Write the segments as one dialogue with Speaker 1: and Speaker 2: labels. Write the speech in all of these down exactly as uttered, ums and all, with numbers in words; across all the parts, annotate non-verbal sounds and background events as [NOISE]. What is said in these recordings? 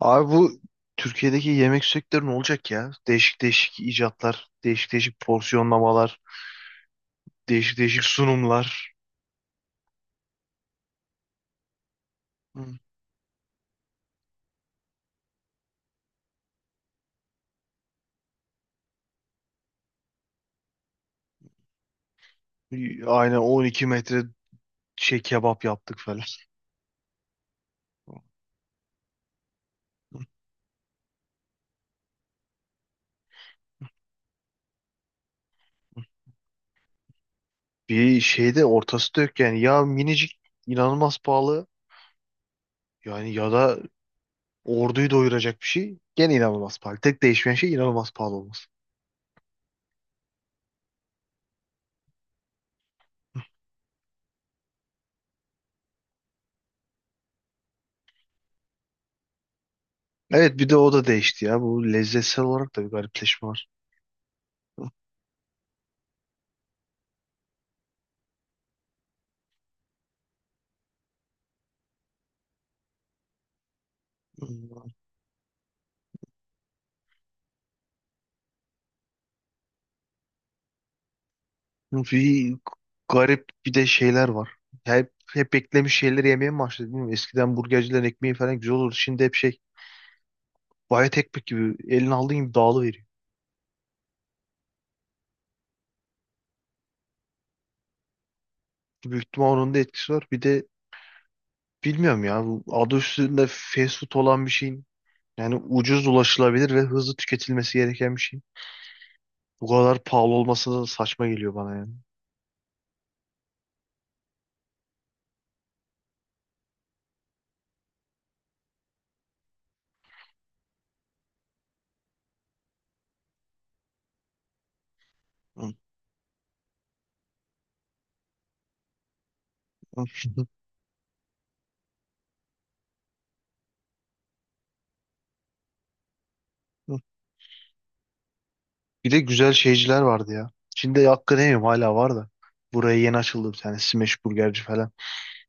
Speaker 1: Abi bu Türkiye'deki yemek sektörü ne olacak ya? Değişik değişik icatlar, değişik değişik porsiyonlamalar, değişik değişik sunumlar. Hı. Aynen on iki metre şey kebap yaptık falan. Bir şeyde ortası da yok yani. Ya minicik inanılmaz pahalı yani ya da orduyu doyuracak bir şey gene inanılmaz pahalı. Tek değişmeyen şey inanılmaz pahalı olması. Evet bir de o da değişti ya. Bu lezzetsel olarak da bir garipleşme var. Hı. Bir garip bir de şeyler var. Hep, hep beklemiş şeyleri yemeye mi başladı bilmiyorum. Eskiden burgercilerin ekmeği falan güzel olurdu. Şimdi hep şey bayat ekmek gibi elini aldığın gibi dağılıveriyor. Büyük ihtimal onun da etkisi var. Bir de bilmiyorum ya bu adı üstünde fast food olan bir şeyin yani ucuz, ulaşılabilir ve hızlı tüketilmesi gereken bir şeyin bu kadar pahalı olması da saçma geliyor bana yani. [LAUGHS] Bir de güzel şeyciler vardı ya. Şimdi hakkı yemiyorum, hala var da. Buraya yeni açıldı bir tane Smash Burgerci falan.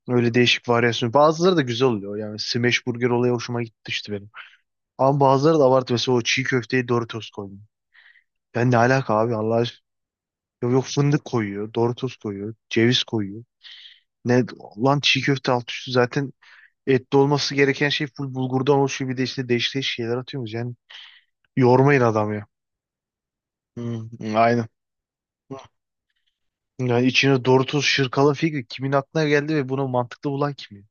Speaker 1: Öyle değişik varyasyon. Bazıları da güzel oluyor. Yani smash burger olayı hoşuma gitti işte benim. Ama bazıları da abartı. Mesela o çiğ köfteye Doritos koyuyor. Ben ne alaka abi, Allah aşkına. Yok, yok fındık koyuyor, Doritos koyuyor, ceviz koyuyor. Ne lan, çiğ köfte alt üstü zaten etli olması gereken şey full bulgurdan oluşuyor. Bir de işte değişik değişik şeyler atıyoruz. Yani yormayın adam ya. Hı, hı, aynen. Yani içine Doritos şırkalı fikri kimin aklına geldi ve bunu mantıklı bulan kim?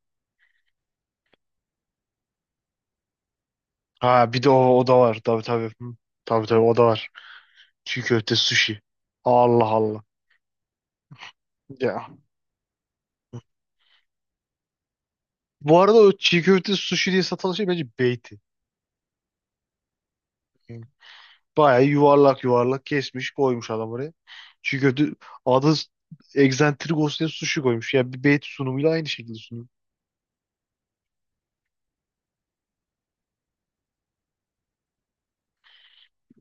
Speaker 1: Ha bir de o, o da var. Tabii tabii. Hı. Tabii tabii o da var. Çiğ köfte sushi. Allah Allah. Ya. Bu arada o çiğ köfte sushi diye satılan şey bence beyti. Yani bayağı yuvarlak yuvarlak kesmiş koymuş adam oraya. Çiğ köfte adı egzantrik olsun diye sushi koymuş. Ya bir beyti sunumuyla aynı şekilde sunuyor.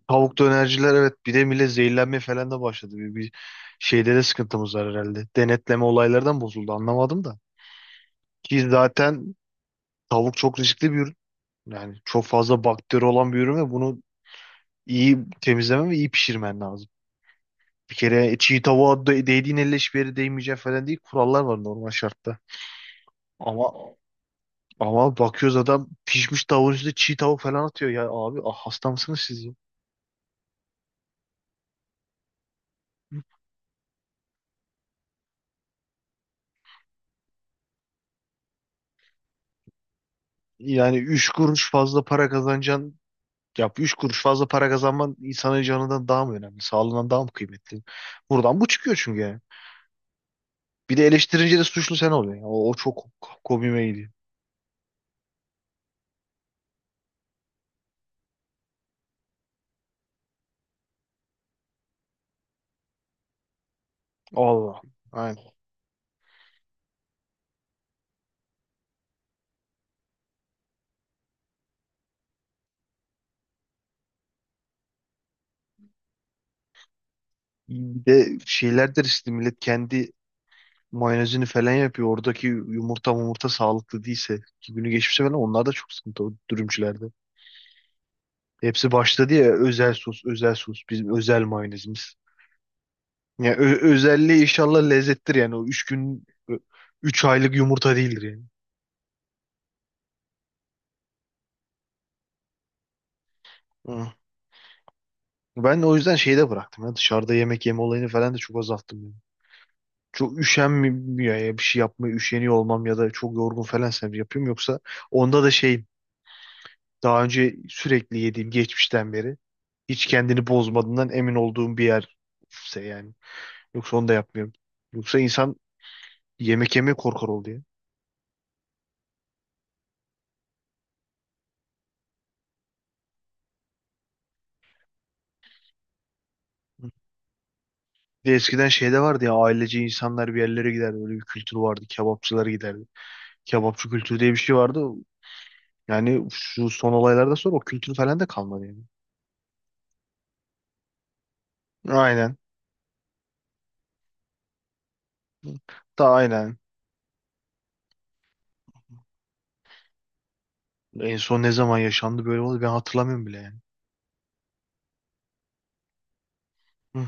Speaker 1: Tavuk dönerciler, evet, bir de millet zehirlenmeye falan da başladı. Bir, bir şeyde de sıkıntımız var herhalde. Denetleme olaylardan bozuldu, anlamadım da. Ki zaten tavuk çok riskli bir ürün. Yani çok fazla bakteri olan bir ürün ve bunu iyi temizlemen ve iyi pişirmen lazım. Bir kere e, çiğ tavuğa dö- değdiğin elle hiçbir yere değmeyecek falan değil. Kurallar var normal şartta. Ama ama bakıyoruz adam pişmiş tavuğun üstüne çiğ tavuk falan atıyor. Ya abi, ah, hasta mısınız siz ya? Yani üç kuruş fazla para kazanacaksın. Ya üç kuruş fazla para kazanman insanın canından daha mı önemli? Sağlığından daha mı kıymetli? Buradan bu çıkıyor çünkü yani. Bir de eleştirince de suçlu sen oluyorsun. Ya. O, o çok ko- komiğime gidiyor. Allah. Aynen. Bir de şeyler de riskli, millet kendi mayonezini falan yapıyor. Oradaki yumurta yumurta sağlıklı değilse, ki günü geçmişse falan, onlar da çok sıkıntı o dürümcülerde. Hepsi başladı ya, özel sos, özel sos, bizim özel mayonezimiz. Ya ö- özelliği inşallah lezzettir yani, o üç gün üç aylık yumurta değildir yani. Hı. Ben de o yüzden şeyi de bıraktım ya, dışarıda yemek yeme olayını falan da çok azalttım yani. Çok üşenmiyor ya, bir şey yapmaya üşeniyor olmam ya da çok yorgun falansa yapıyorum, yoksa onda da şey, daha önce sürekli yediğim, geçmişten beri hiç kendini bozmadığından emin olduğum bir yerse yani. Yoksa onu da yapmıyorum. Yoksa insan yemek yemeye korkar oldu ya. Bir de eskiden şeyde vardı ya, ailece insanlar bir yerlere giderdi. Öyle bir kültür vardı. Kebapçılara giderdi. Kebapçı kültürü diye bir şey vardı. Yani şu son olaylardan sonra o kültür falan da kalmadı yani. Aynen. Da aynen. En son ne zaman yaşandı böyle oldu, ben hatırlamıyorum bile yani. Hı.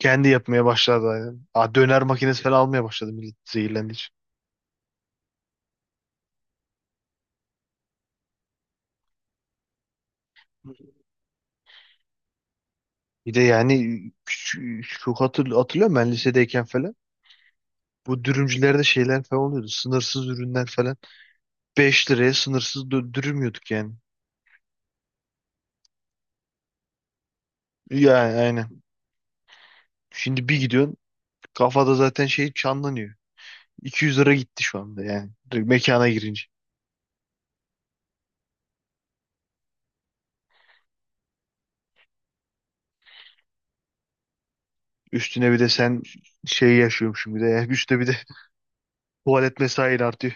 Speaker 1: Kendi yapmaya başladı aynen. Aa, döner makinesi falan almaya başladı millet, zehirlendi. Bir de yani küçük, çok hatır, hatırlıyorum ben lisedeyken falan. Bu dürümcülerde şeyler falan oluyordu. Sınırsız ürünler falan. Beş liraya sınırsız dö- dürüm yiyorduk yani. Yani aynen. Şimdi bir gidiyorsun, kafada zaten şey çanlanıyor. iki yüz lira gitti şu anda yani. Direkt mekana girince. Üstüne bir de sen şey yaşıyormuşum bir de. Ya. Üstüne bir de [LAUGHS] tuvalet mesain artıyor.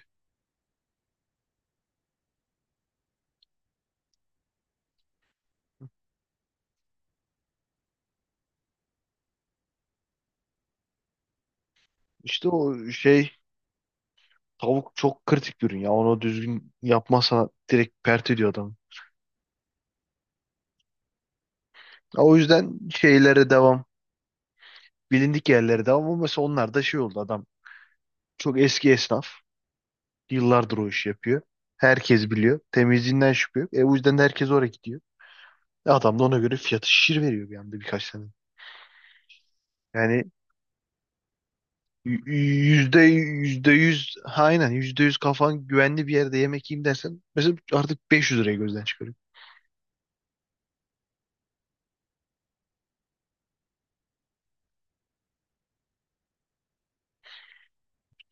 Speaker 1: İşte o şey, tavuk çok kritik bir ürün ya. Onu düzgün yapmazsan direkt pert ediyor adamı. O yüzden şeylere devam. Bilindik yerlerde, ama mesela onlar da şey oldu, adam çok eski esnaf, yıllardır o işi yapıyor. Herkes biliyor. Temizliğinden şüphe yok. E o yüzden de herkes oraya gidiyor. E, adam da ona göre fiyatı şişir veriyor bir anda birkaç tane. Yani y- y- yüzde yüzde yüz, ha, aynen yüzde yüz kafan güvenli bir yerde yemek yiyeyim dersen mesela, artık beş yüz liraya gözden çıkarıyor.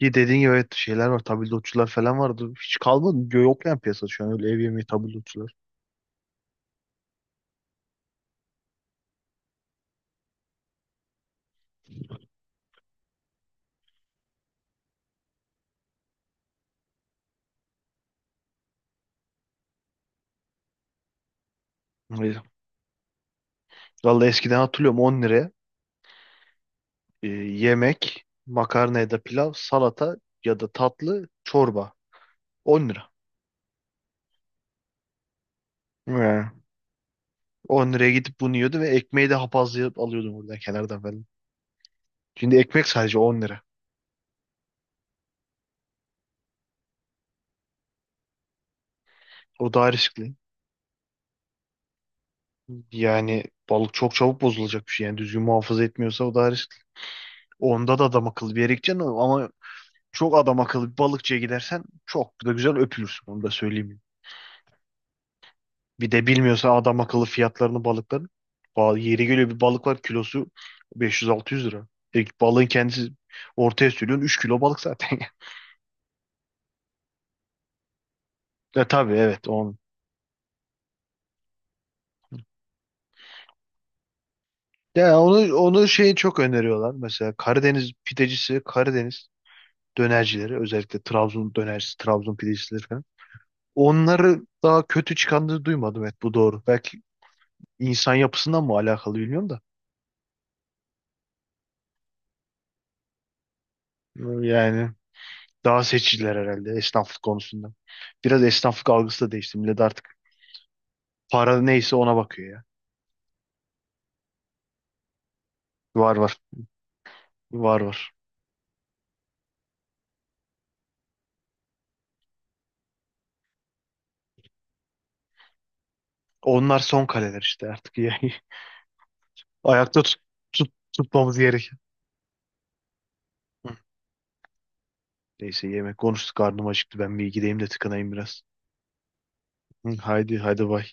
Speaker 1: Ki dediğin gibi, evet, şeyler var, tabildotçular falan vardı. Hiç kalmadı. Yok yani piyasada şu an öyle ev yemeği tabildotçular. Öyle. Vallahi eskiden hatırlıyorum, on liraya Ee, yemek, makarna ya da pilav, salata ya da tatlı, çorba. On lira. He. on liraya gidip bunu yiyordum ve ekmeği de hapazlayıp alıyordum oradan kenardan falan. Şimdi ekmek sadece on lira. O daha riskli. Yani balık çok çabuk bozulacak bir şey. Yani düzgün muhafaza etmiyorsa o daha riskli. Onda da adam akıllı bir yere gideceksin ama çok adam akıllı bir balıkçıya gidersen çok da güzel öpülürsün. Onu da söyleyeyim. Bir de bilmiyorsa adam akıllı fiyatlarını balıkların. Ba- Yeri geliyor, bir balık var, kilosu beş yüz altı yüz lira. E, balığın kendisi, ortaya sürüyorsun üç kilo balık zaten. [LAUGHS] Ya tabii, evet, onun. Ya onu onu şey çok öneriyorlar. Mesela Karadeniz pidecisi, Karadeniz dönercileri, özellikle Trabzon dönercisi, Trabzon pidecisileri falan. Onları daha kötü çıkandığını duymadım, evet, bu doğru. Belki insan yapısından mı alakalı, bilmiyorum da. Yani daha seçiciler herhalde esnaflık konusunda. Biraz esnaflık algısı da değişti. Millet artık para neyse ona bakıyor ya. Var var. Var var. Onlar son kaleler işte artık. [LAUGHS] Yani ayakta tut, tut, tutmamız gerek. Hı. Neyse, yemek konuştuk. Karnım acıktı. Ben bir gideyim de tıkanayım biraz. Hı, haydi haydi, bay.